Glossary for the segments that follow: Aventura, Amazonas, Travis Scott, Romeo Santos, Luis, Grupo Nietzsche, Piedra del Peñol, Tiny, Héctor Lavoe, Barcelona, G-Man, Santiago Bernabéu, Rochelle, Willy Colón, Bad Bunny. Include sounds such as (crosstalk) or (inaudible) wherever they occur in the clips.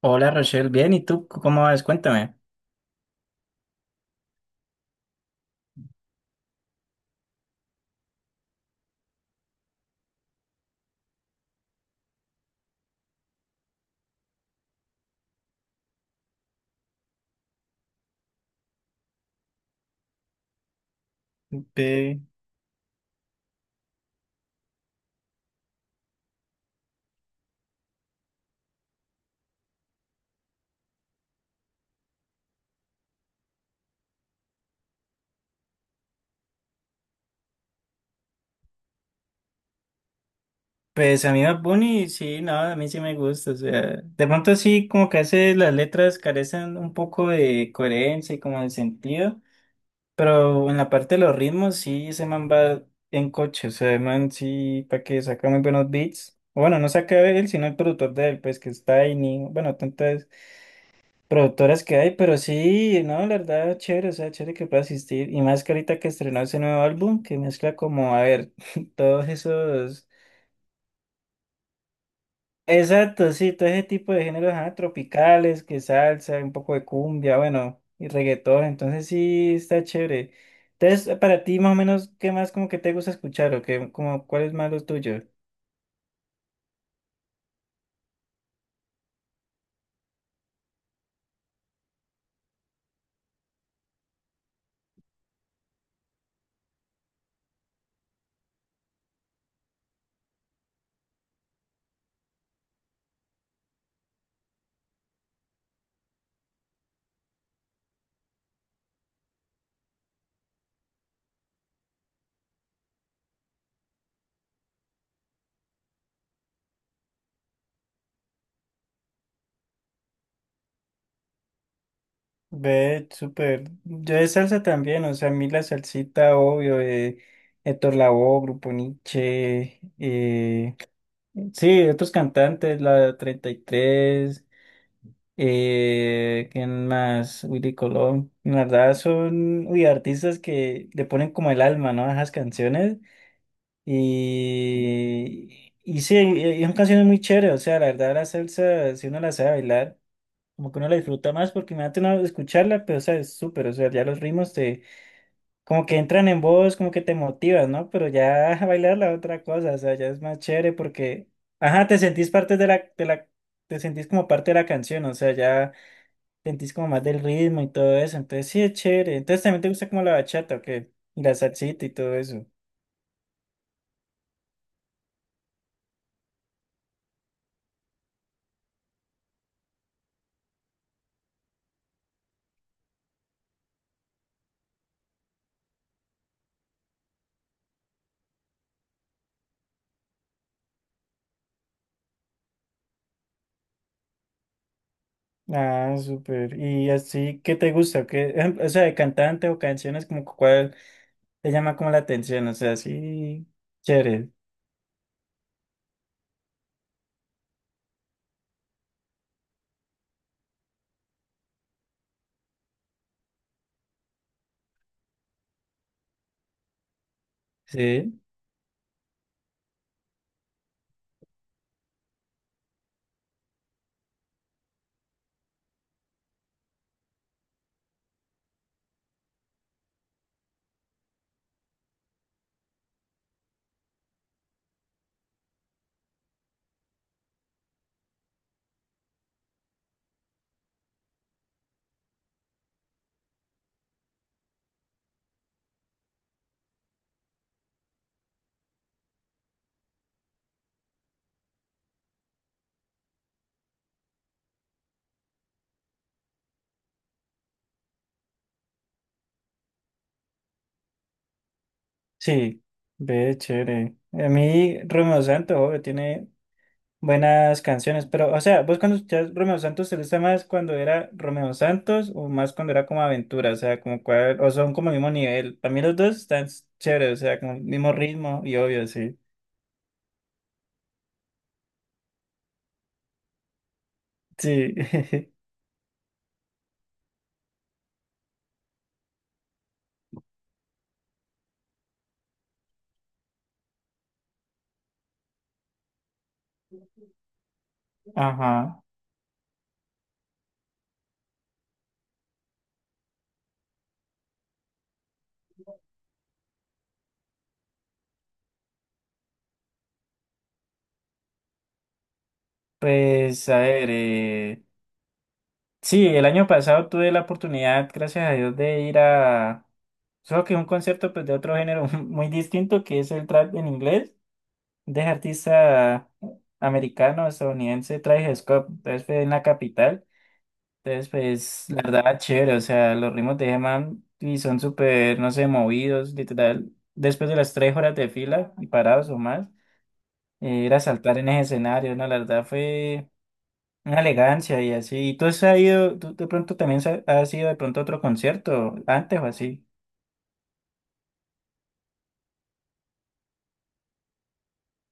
Hola Rochelle, bien, ¿y tú cómo vas? Cuéntame. Ve, pues a mí Bad Bunny, sí, no, a mí sí me gusta, o sea, de pronto sí, como que a veces las letras carecen un poco de coherencia y como de sentido, pero en la parte de los ritmos sí, ese man va en coche, o sea, el man sí, para que saca muy buenos beats, o bueno, no saca él, sino el productor de él, pues que está Tiny, bueno, tanto productoras que hay, pero sí, no, la verdad, chévere, o sea, chévere que pueda asistir. Y más que ahorita que estrenó ese nuevo álbum, que mezcla como, a ver, (laughs) todos esos. Exacto, sí, todo ese tipo de géneros ajá, tropicales, que salsa, un poco de cumbia, bueno, y reggaetón, entonces sí, está chévere. Entonces, para ti, más o menos, ¿qué más como que te gusta escuchar o qué, como, cuál es más lo tuyo? Ve, súper. Yo de salsa también, o sea, a mí la salsita, obvio, de Héctor Lavoe, Grupo Nietzsche, sí, otros cantantes, la 33 ¿quién más? Willy Colón. La verdad son, uy, artistas que le ponen como el alma, ¿no? A esas canciones. Y sí, y son canciones muy chéveres, o sea, la verdad la salsa, si uno la sabe bailar como que uno la disfruta más porque me da uno escucharla, pero o sea, es súper, o sea, ya los ritmos te, como que entran en voz, como que te motivas, ¿no? Pero ya (laughs) bailarla es otra cosa, o sea, ya es más chévere porque, ajá, te sentís parte de la, te sentís como parte de la canción, o sea, ya sentís como más del ritmo y todo eso, entonces sí es chévere, entonces también te gusta como la bachata, ¿o qué? Y la salsita y todo eso. Ah, súper. ¿Y así qué te gusta? ¿Qué, o sea, de cantante o canciones, como cuál te llama como la atención? O sea, sí, chévere. Sí, sí, ve chévere. A mí Romeo Santos obvio, tiene buenas canciones, pero o sea, vos cuando escuchás Romeo Santos, ¿te gusta más cuando era Romeo Santos o más cuando era como Aventura? O sea, como cuál, o son como el mismo nivel. Para mí los dos están chéveres, o sea, como el mismo ritmo y obvio, sí. Sí, (laughs) ajá. Pues a ver, sí, el año pasado tuve la oportunidad, gracias a Dios, de ir a... Solo que un concierto pues, de otro género (laughs) muy distinto que es el trap en inglés. De artista americano, estadounidense, Travis Scott. Entonces fue en la capital. Entonces, pues, la verdad, chévere. O sea, los ritmos de G-Man y son súper, no sé, movidos, literal. Después de las 3 horas de fila y parados o más, ir a saltar en ese escenario, ¿no? La verdad fue una elegancia y así. ¿Y tú has ido, tú de pronto también has ido de pronto a otro concierto antes o así?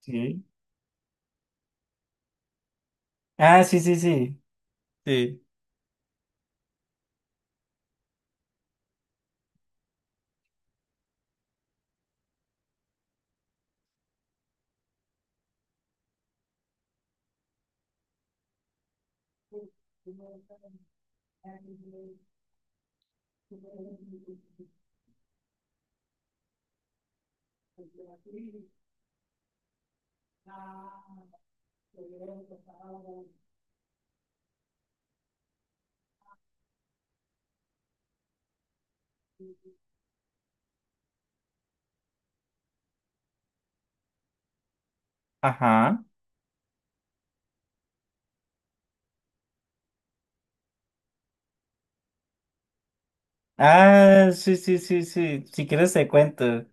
Sí. Ah, sí, sí, sí. Sí. Ajá. Ah, sí, sí, sí, sí. Si quieres te cuento.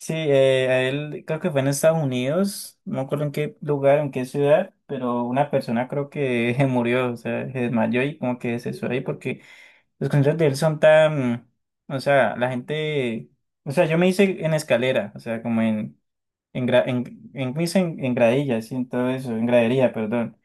Sí, a él creo que fue en Estados Unidos, no me acuerdo en qué lugar, en qué ciudad, pero una persona creo que (laughs) murió, o sea, se desmayó y como que se suicidó ahí porque los conciertos de él son tan, o sea, la gente, o sea, yo me hice en escalera, o sea, como en, gra- en, me hice en gradilla, sí, en todo eso, en gradería, perdón.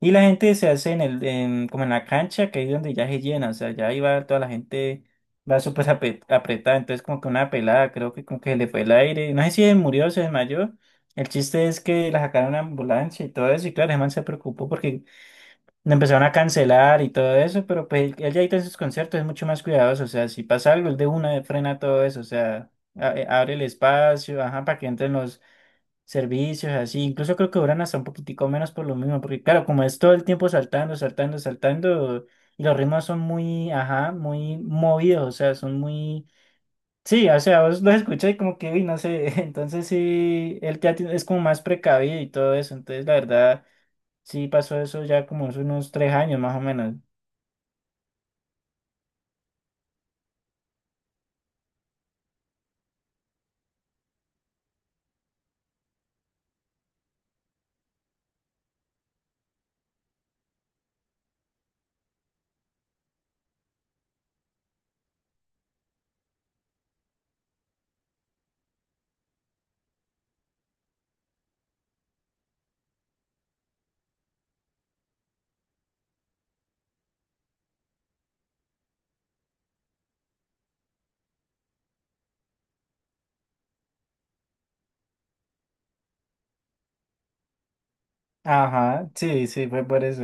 Y la gente se hace como en la cancha, que es donde ya se llena, o sea, ya iba toda la gente, va súper apretada, entonces como que una pelada, creo que como que se le fue el aire, no sé si se murió o se desmayó, el chiste es que la sacaron a ambulancia y todo eso, y claro, el man se preocupó porque le empezaron a cancelar y todo eso, pero pues él ya ahorita en sus conciertos es mucho más cuidadoso, o sea, si pasa algo, él de una frena todo eso, o sea, abre el espacio, ajá, para que entren los servicios, así. Incluso creo que duran hasta un poquitico menos por lo mismo, porque claro, como es todo el tiempo saltando, saltando, saltando, y los ritmos son muy, ajá, muy movidos, o sea, son muy... Sí, o sea, vos los escuchas y como que, uy, no sé, (laughs) entonces sí, el teatro es como más precavido y todo eso, entonces la verdad, sí pasó eso ya como hace unos 3 años más o menos. Ajá, sí, sí, fue por eso,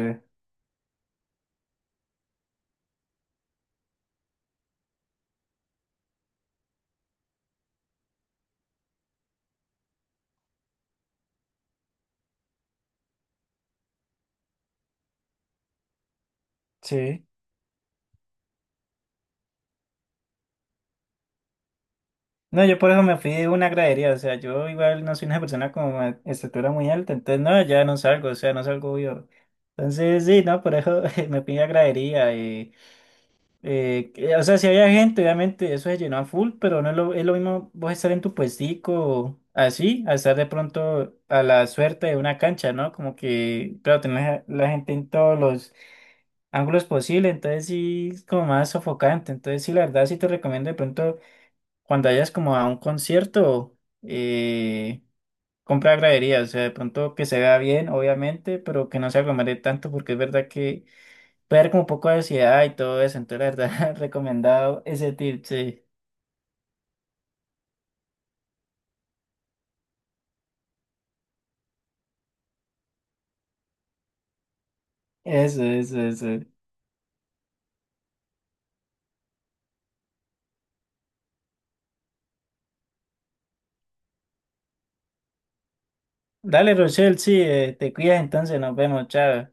sí. No, yo por eso me fui de una gradería, o sea, yo igual no soy una persona con una estatura muy alta, entonces no, ya no salgo, o sea, no salgo yo. Entonces sí, no, por eso (laughs) me fui a gradería. O sea, si había gente, obviamente eso se llenó a full, pero no es lo, es lo mismo vos estar en tu puestico así, a estar de pronto a la suerte de una cancha, ¿no? Como que, claro, tenés a la gente en todos los ángulos posibles, entonces sí es como más sofocante, entonces sí, la verdad sí te recomiendo de pronto cuando vayas como a un concierto, eh, compra gradería, o sea, de pronto que se vea bien, obviamente, pero que no se aglomere tanto, porque es verdad que puede haber como un poco de ansiedad y todo eso, entonces la verdad, (laughs) recomendado ese tip, sí, eso, eso, eso. Dale, Rochelle, sí, te cuidas entonces, nos vemos, chao.